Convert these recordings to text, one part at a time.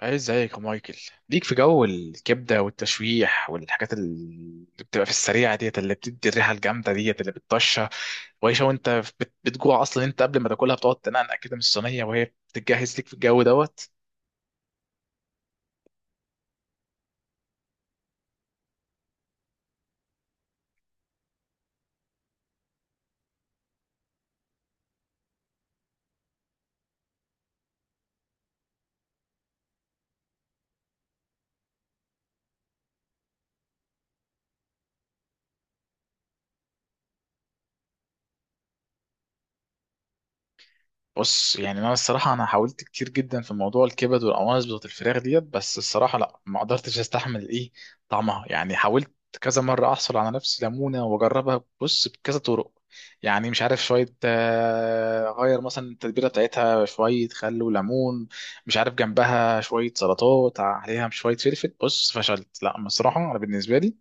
عايز زيك يا مايكل. ليك في جو الكبده والتشويح والحاجات اللي بتبقى في السريعه ديت، اللي بتدي الريحه الجامده ديت اللي بتطشها وعيشه. وانت بتجوع اصلا انت قبل ما تاكلها، بتقعد تنقنق كده من الصينيه وهي بتتجهز ليك في الجو دوت. بص يعني انا الصراحه حاولت كتير جدا في موضوع الكبد والقوانص بتاعت الفراخ ديت، بس الصراحه لا ما قدرتش استحمل ايه طعمها. يعني حاولت كذا مره احصل على نفس ليمونه واجربها، بص، بكذا طرق. يعني مش عارف شويه اغير مثلا التتبيله بتاعتها شويه، خل وليمون، مش عارف جنبها شويه سلطات، عليها شويه فلفل. بص، فشلت، لا بصراحه انا بالنسبه لي.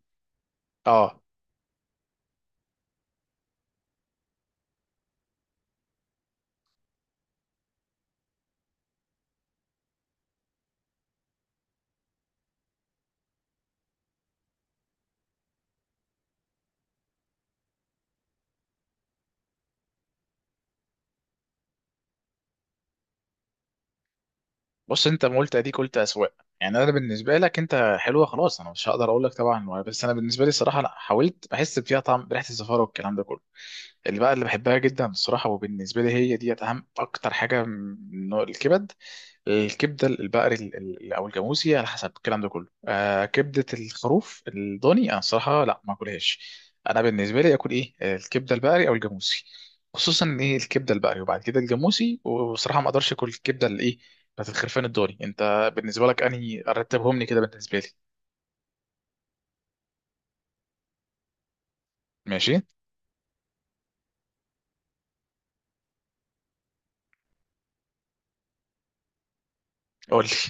اه، بص انت ما قلت اديك، قلت اسواق. يعني انا بالنسبه لك انت حلوه، خلاص انا مش هقدر اقول لك طبعا، بس انا بالنسبه لي الصراحه انا حاولت بحس فيها طعم بريحه الزفاره والكلام ده كله. اللي بحبها جدا الصراحة وبالنسبة لي هي ديت، أهم أكتر حاجة من نوع الكبد، الكبدة البقري أو الجاموسي على حسب الكلام ده كله. آه، كبدة الخروف الضاني أنا الصراحة لا ما أكلهاش. أنا بالنسبة لي أكل إيه، الكبدة البقري أو الجاموسي، خصوصا إن إيه، الكبدة البقري وبعد كده الجاموسي. وصراحة ما أقدرش أكل الكبدة اللي إيه، بتاعت الخرفان الضاني. أنت بالنسبة لك أنهي رتبهم لي كده بالنسبة لي؟ ماشي. قول لي.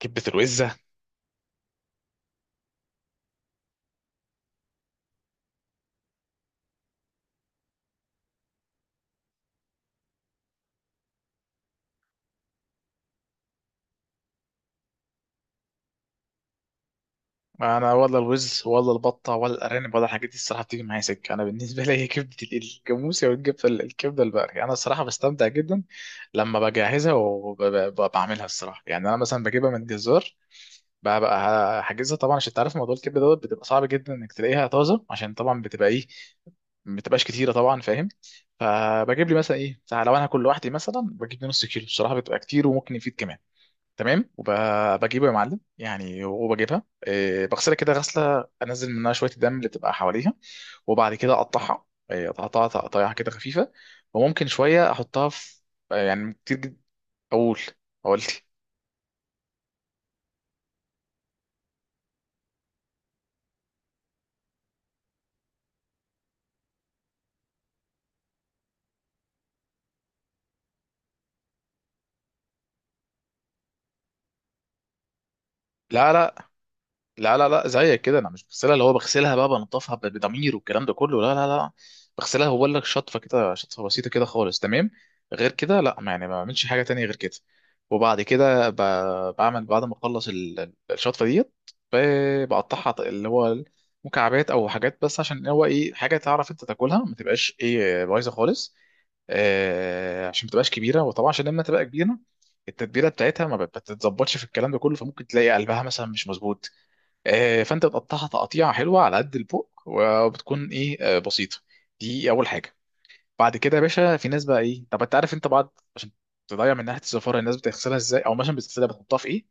كبدة الوزة؟ انا ولا الوز ولا البطه ولا الارانب ولا الحاجات دي الصراحه بتيجي معايا سكه. انا بالنسبه لي هي كبده الجاموسه والكبده الكبده البقري. انا الصراحه بستمتع جدا لما بجهزها وبعملها. الصراحه يعني انا مثلا بجيبها من الجزار، بقى حاجزها طبعا، عشان تعرف موضوع الكبده دوت بتبقى صعب جدا انك تلاقيها طازه، عشان طبعا بتبقى ايه، ما بتبقاش كتيره طبعا، فاهم؟ فبجيب لي مثلا ايه، لو انا هاكل لوحدي مثلا بجيب لي نص كيلو، الصراحه بتبقى كتير وممكن يفيد كمان. تمام. وبجيبه يا معلم يعني، وبجيبها إيه، بغسلها كده غسله انزل منها شويه الدم اللي بتبقى حواليها. وبعد كده اقطعها، إيه، اقطعها تقطيعها كده خفيفه. وممكن شويه احطها في، آه، يعني كتير جدا. اقول. قلت. لا لا، لا زيك كده انا مش بغسلها، اللي هو بغسلها بقى بنضفها بضمير والكلام ده كله، لا لا لا. بغسلها هو لك شطفه كده، شطفه بسيطه كده خالص، تمام، غير كده لا، ما يعني ما بعملش حاجه تانية غير كده. وبعد كده بعمل بعد ما اخلص الشطفه ديت، بقطعها اللي هو مكعبات او حاجات، بس عشان هو ايه، حاجه تعرف انت تاكلها ما تبقاش ايه بايظه خالص. آه، عشان ما تبقاش كبيره، وطبعا عشان لما تبقى كبيره التتبيله بتاعتها ما بت- بتتظبطش في الكلام ده كله، فممكن تلاقي قلبها مثلا مش مظبوط. آه، فانت بتقطعها تقطيعه حلوه على قد البوق، وبتكون ايه، آه، بسيطه. دي اول حاجه. بعد كده يا باشا في ناس بقى ايه، طب انت عارف انت بعد، عشان تضيع من ناحيه الزفاره، الناس بتغسلها ازاي، او مثلا بتغسلها بتحطها في ايه؟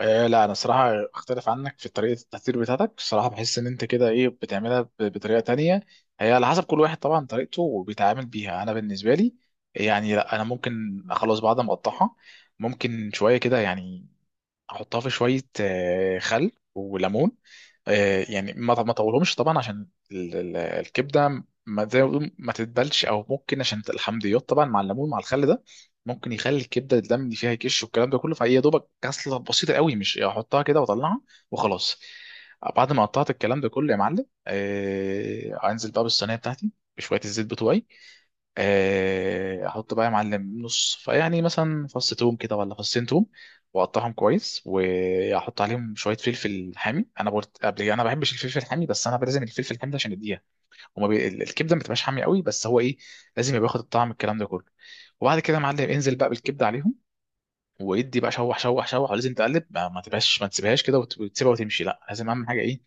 آه لا، انا الصراحه اختلف عنك في طريقه التحضير بتاعتك. الصراحه بحس ان انت كده ايه، بتعملها بطريقه تانية. هي على حسب كل واحد طبعا طريقته وبيتعامل بيها. انا بالنسبه لي يعني، لا انا ممكن خلاص بعد ما اقطعها، ممكن شويه كده يعني احطها في شويه، آه، خل وليمون. آه، يعني ما طولهمش طبعا، عشان الكبده ما زي ما بيقولوا ما تتبلش، او ممكن عشان الحمضيات طبعا مع الليمون مع الخل ده ممكن يخلي الكبده الدم اللي فيها يكش والكلام ده كله. فهي يا دوبك غسله بسيطه قوي، مش يعني احطها كده واطلعها وخلاص. بعد ما قطعت الكلام ده كله يا معلم، آه، انزل بقى بالصينيه بتاعتي بشويه الزيت بتوعي. آه، احط بقى يا معلم نص فيعني مثلا فص توم كده، ولا فصين توم، واقطعهم كويس، واحط عليهم شويه فلفل حامي. انا قلت قبل كده انا ما بحبش الفلفل الحامي، بس انا لازم الفلفل الحامي ده، عشان يديها، الكبده ما بتبقاش حامي قوي، بس هو ايه، لازم يبقى ياخد الطعم الكلام ده كله. وبعد كده يا معلم انزل بقى بالكبده عليهم، وادي بقى شوح شوح شوح. ولازم تقلب، ما تبقاش، ما تسيبهاش كده وتسيبها وتمشي، لا، لازم اهم حاجه ايه،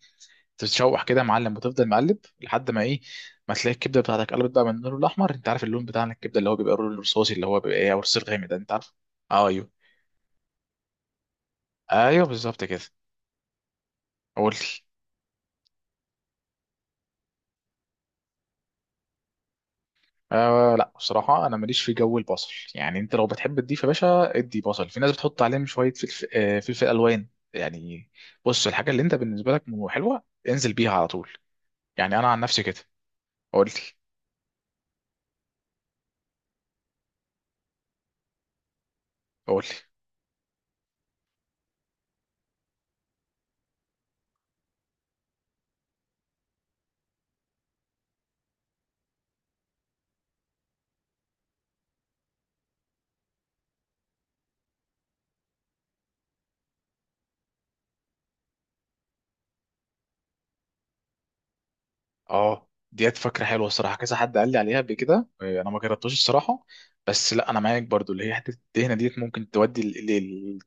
تتشوح كده يا معلم، وتفضل مقلب لحد ما ايه، ما تلاقي الكبده بتاعتك قلبت بقى من اللون الاحمر. انت عارف اللون بتاع الكبده اللي هو بيبقى اللون الرصاصي، اللي هو بيبقى ايه، او الرصاص الغامق ده، انت عارفه. آه، ايوه، ايوه، بالظبط كده. قلت. آه لا، بصراحه انا ماليش في جو البصل. يعني انت لو بتحب تضيف يا باشا، ادي بصل. في ناس بتحط عليهم شويه فلفل، آه، فلفل الوان يعني. بص، الحاجه اللي انت بالنسبه لك حلوه، انزل بيها على طول. يعني انا عن نفسي كده. قول لي. قول لي. اه، ديت فكره حلوه الصراحه، كذا حد قال لي عليها قبل كده، آه، انا ما جربتوش الصراحه. بس لا انا معاك برضو، اللي هي حته الدهنه ديت ممكن تودي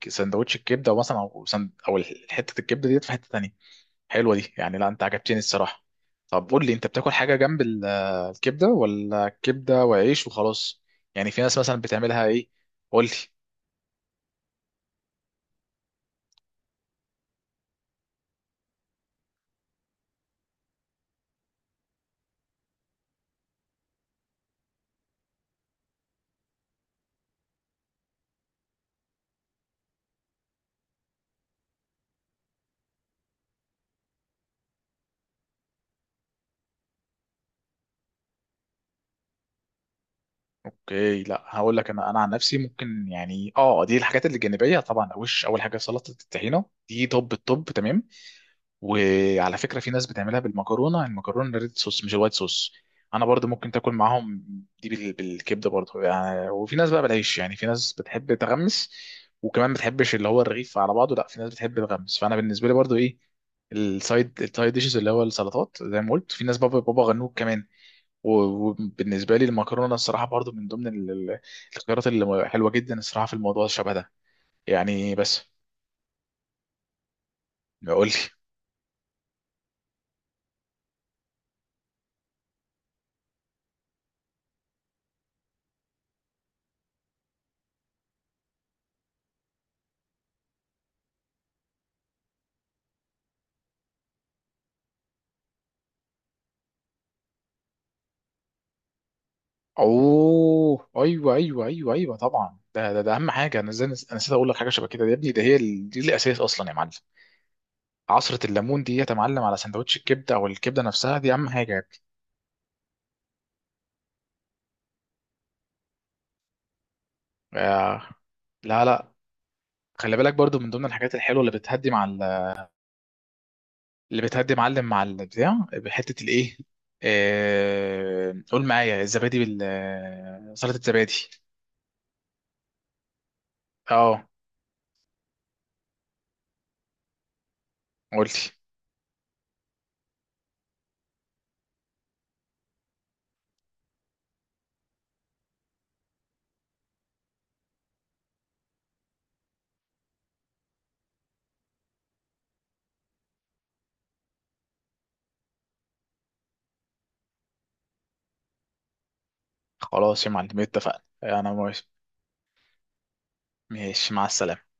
لسندوتش الكبده، او مثلا او سند، او حته الكبده ديت في حته تانية. حلوه دي يعني، لا انت عجبتني الصراحه. طب قول لي، انت بتاكل حاجه جنب آه، الكبده، ولا كبده وعيش وخلاص؟ يعني في ناس مثلا بتعملها ايه؟ قول لي. اوكي، لا هقول لك انا، انا عن نفسي ممكن يعني، اه، دي الحاجات اللي جانبيه طبعا. وش اول حاجه سلطه الطحينه دي، طب، الطب تمام. وعلى فكره في ناس بتعملها بالمكرونه، المكرونه الريد صوص مش الوايت صوص، انا برضو ممكن تاكل معاهم دي بالكبده برضو يعني. وفي ناس بقى بالعيش، يعني في ناس بتحب تغمس، وكمان بتحبش اللي هو الرغيف على بعضه، لا في ناس بتحب تغمس. فانا بالنسبه لي برضو ايه، السايد، السايد ديشز، اللي هو السلطات زي ما قلت، في ناس بابا، بابا غنوج كمان. وبالنسبه لي المكرونه الصراحه برضو من ضمن الخيارات اللي حلوه جدا الصراحه في الموضوع الشبه ده. يعني بس. قول لي. اوه، ايوه ايوه ايوه ايوه طبعا، ده اهم حاجه. انا ازاي انا نسيت اقول لك حاجه شبه كده يا ابني، ده هي دي الاساس اصلا يا معلم. عصره الليمون دي يا معلم، على سندوتش الكبده، او الكبده نفسها، دي اهم حاجه يا ابني. آه. لا لا. خلي بالك برضو من ضمن الحاجات الحلوه اللي بتهدي مع اللي بتهدي معلم مع البتاع بحته الايه، قول معايا، الزبادي، بال سلطه الزبادي. اه. قلت. خلاص يا معلم، اتفقنا، انا موافق. ماشي، مع السلامه.